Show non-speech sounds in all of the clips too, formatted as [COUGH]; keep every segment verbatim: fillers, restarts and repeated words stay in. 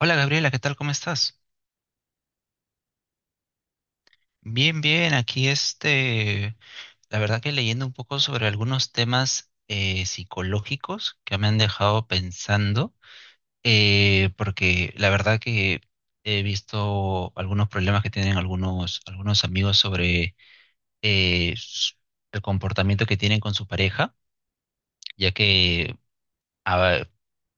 Hola Gabriela, ¿qué tal? ¿Cómo estás? Bien, bien, aquí este, la verdad que leyendo un poco sobre algunos temas eh, psicológicos que me han dejado pensando, eh, porque la verdad que he visto algunos problemas que tienen algunos, algunos amigos sobre eh, s- el comportamiento que tienen con su pareja, ya que ah,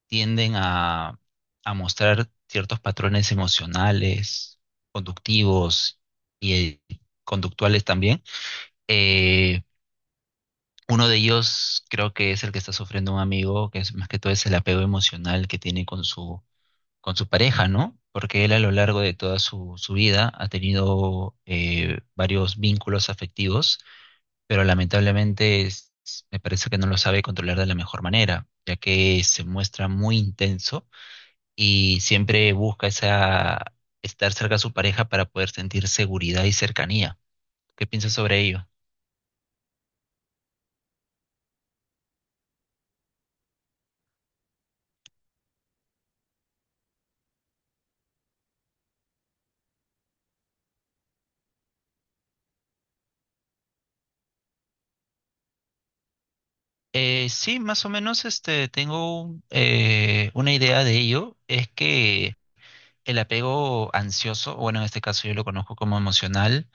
tienden a, a mostrar ciertos patrones emocionales, conductivos y eh, conductuales también. Eh, Uno de ellos creo que es el que está sufriendo un amigo, que es más que todo es el apego emocional que tiene con su, con su pareja, ¿no? Porque él a lo largo de toda su, su vida ha tenido eh, varios vínculos afectivos, pero lamentablemente es- me parece que no lo sabe controlar de la mejor manera, ya que se muestra muy intenso y siempre busca esa, estar cerca de su pareja para poder sentir seguridad y cercanía. ¿Qué piensas sobre ello? Eh, sí, más o menos este, tengo un, eh, una idea de ello. Es que el apego ansioso, o bueno, en este caso yo lo conozco como emocional,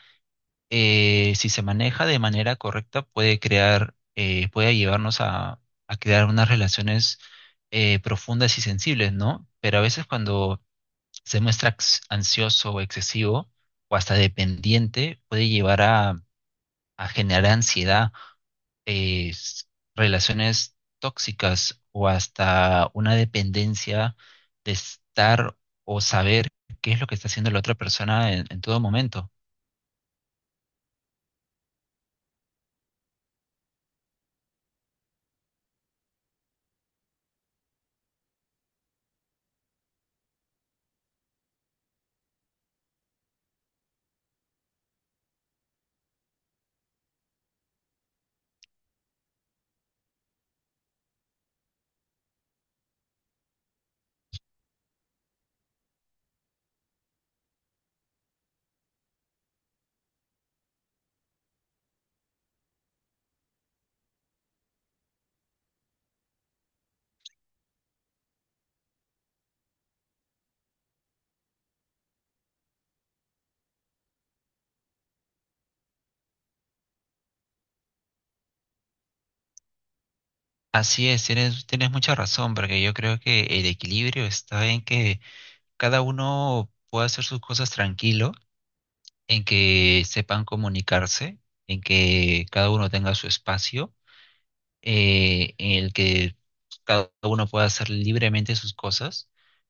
eh, si se maneja de manera correcta puede crear, eh, puede llevarnos a, a crear unas relaciones eh, profundas y sensibles, ¿no? Pero a veces cuando se muestra ax- ansioso o excesivo o hasta dependiente, puede llevar a, a generar ansiedad, eh, s- relaciones tóxicas o hasta una dependencia de estar o saber qué es lo que está haciendo la otra persona en, en todo momento. Así es, tienes, tienes mucha razón, porque yo creo que el equilibrio está en que cada uno pueda hacer sus cosas tranquilo, en que sepan comunicarse, en que cada uno tenga su espacio eh, en el que cada uno pueda hacer libremente sus cosas,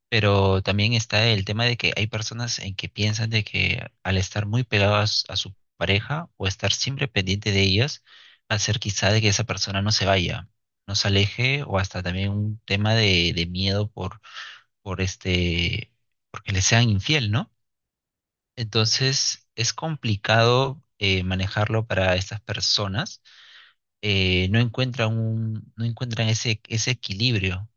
pero también está el tema de que hay personas en que piensan de que al estar muy pegadas a su pareja o estar siempre pendiente de ellas, va a ser quizá de que esa persona no se vaya, no se aleje o hasta también un tema de, de miedo por, por este, porque le sean infiel, ¿no? Entonces es complicado eh, manejarlo para estas personas eh, no encuentran un, no encuentran ese, ese equilibrio.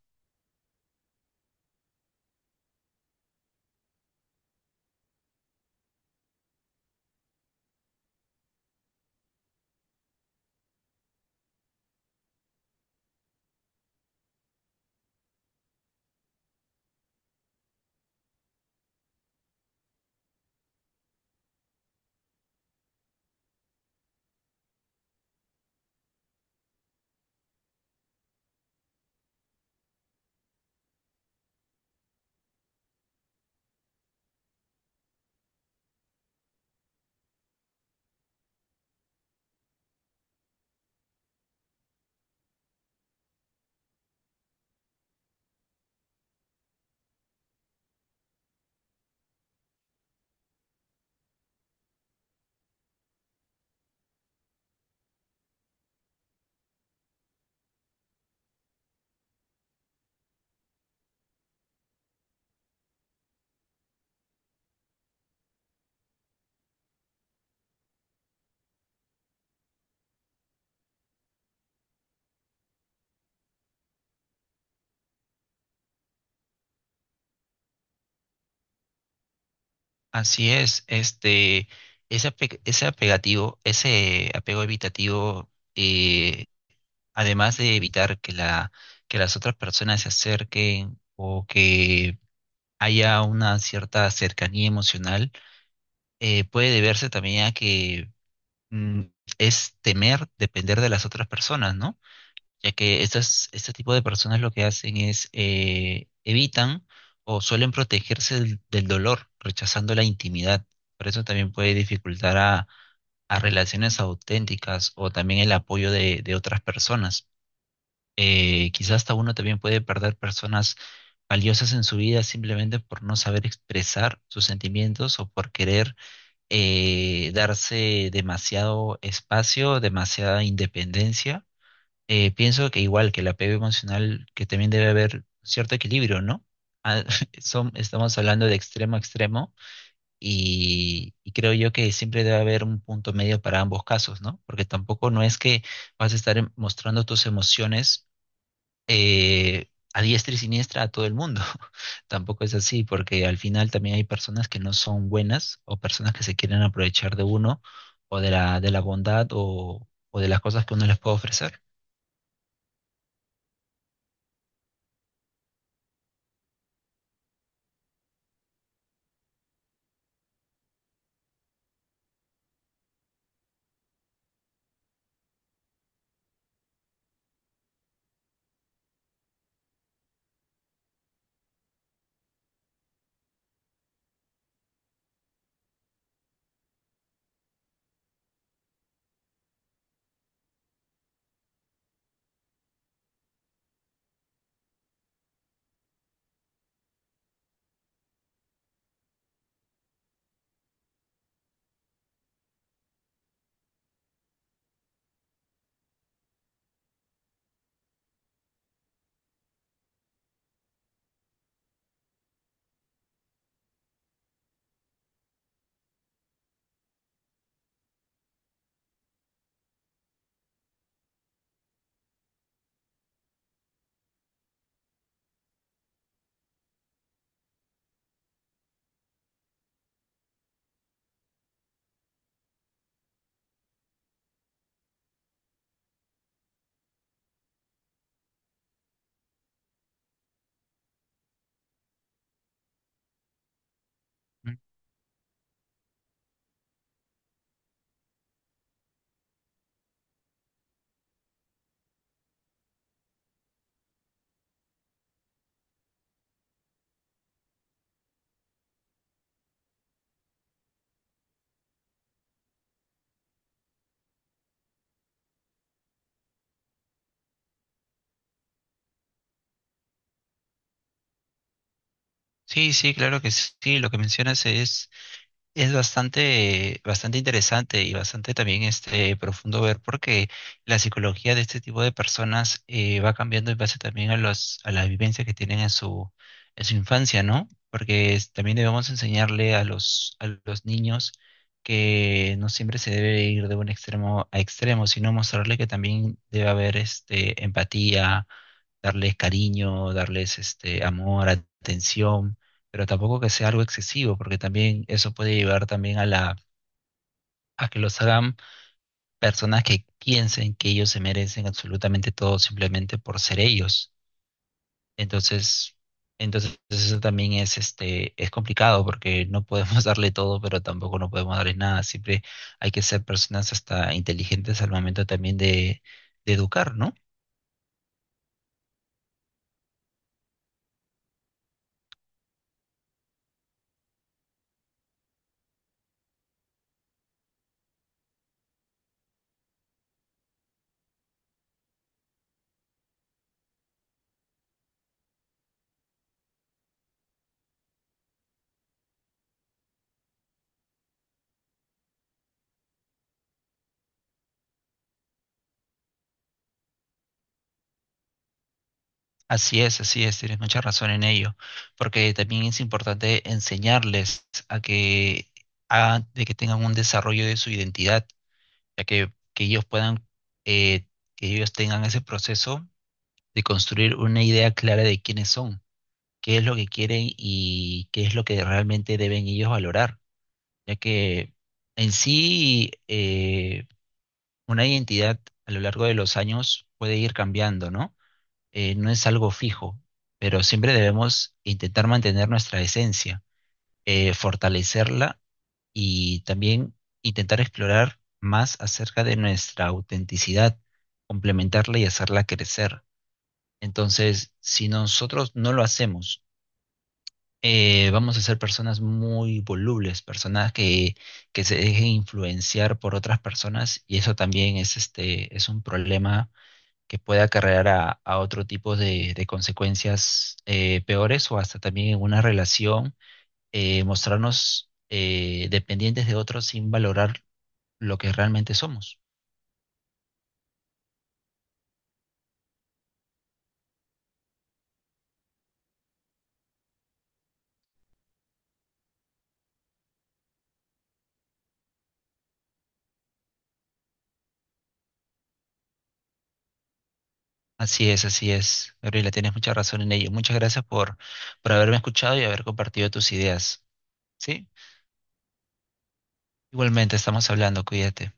Así es, este, ese, ape- ese apegativo, ese apego evitativo, eh, además de evitar que la, que las otras personas se acerquen o que haya una cierta cercanía emocional, eh, puede deberse también a que mm, es temer depender de las otras personas, ¿no? Ya que estas, este tipo de personas lo que hacen es eh, evitan o suelen protegerse del, del dolor, rechazando la intimidad. Por eso también puede dificultar a, a relaciones auténticas o también el apoyo de, de otras personas. Eh, quizás hasta uno también puede perder personas valiosas en su vida simplemente por no saber expresar sus sentimientos o por querer eh, darse demasiado espacio, demasiada independencia eh, pienso que igual que el apego emocional, que también debe haber cierto equilibrio, ¿no? Ah, [LAUGHS] son- estamos hablando de extremo a extremo y, y creo yo que siempre debe haber un punto medio para ambos casos, ¿no? Porque tampoco no es que vas a estar em- mostrando tus emociones eh, a diestra y siniestra a todo el mundo. [LAUGHS] Tampoco es así, porque al final también hay personas que no son buenas o personas que se quieren aprovechar de uno o de la, de la bondad o, o de las cosas que uno les puede ofrecer. Sí, sí, claro que sí. Sí, lo que mencionas es, es bastante, bastante interesante y bastante también este, profundo ver porque la psicología de este tipo de personas eh, va cambiando en base también a los, a la vivencia que tienen en su, en su infancia, ¿no? Porque es- también debemos enseñarle a los, a los niños que no siempre se debe ir de un extremo a extremo, sino mostrarle que también debe haber este, empatía, darles cariño, darles este, amor, atención pero tampoco que sea algo excesivo, porque también eso puede llevar también a la, a que los hagan personas que piensen que ellos se merecen absolutamente todo simplemente por ser ellos. Entonces, entonces eso también es este, es complicado porque no podemos [LAUGHS] darle todo, pero tampoco no podemos darle nada. Siempre hay que ser personas hasta inteligentes al momento también de, de educar, ¿no? Así es, así es, tienes mucha razón en ello, porque también es importante enseñarles a que, a- de que tengan un desarrollo de su identidad, ya que, que ellos puedan, eh, que ellos tengan ese proceso de construir una idea clara de quiénes son, qué es lo que quieren y qué es lo que realmente deben ellos valorar, ya que en sí eh, una identidad a lo largo de los años puede ir cambiando, ¿no? Eh, no es algo fijo, pero siempre debemos intentar mantener nuestra esencia, eh, fortalecerla y también intentar explorar más acerca de nuestra autenticidad, complementarla y hacerla crecer. Entonces, si nosotros no lo hacemos, eh, vamos a ser personas muy volubles, personas que, que se dejen influenciar por otras personas y eso también es, este, es un problema que puede acarrear a, a otro tipo de, de consecuencias eh, peores o hasta también en una relación, eh, mostrarnos eh, dependientes de otros sin valorar lo que realmente somos. Así es, así es. Gabriela, tienes mucha razón en ello. Muchas gracias por, por haberme escuchado y haber compartido tus ideas. ¿Sí? Igualmente, estamos hablando, cuídate.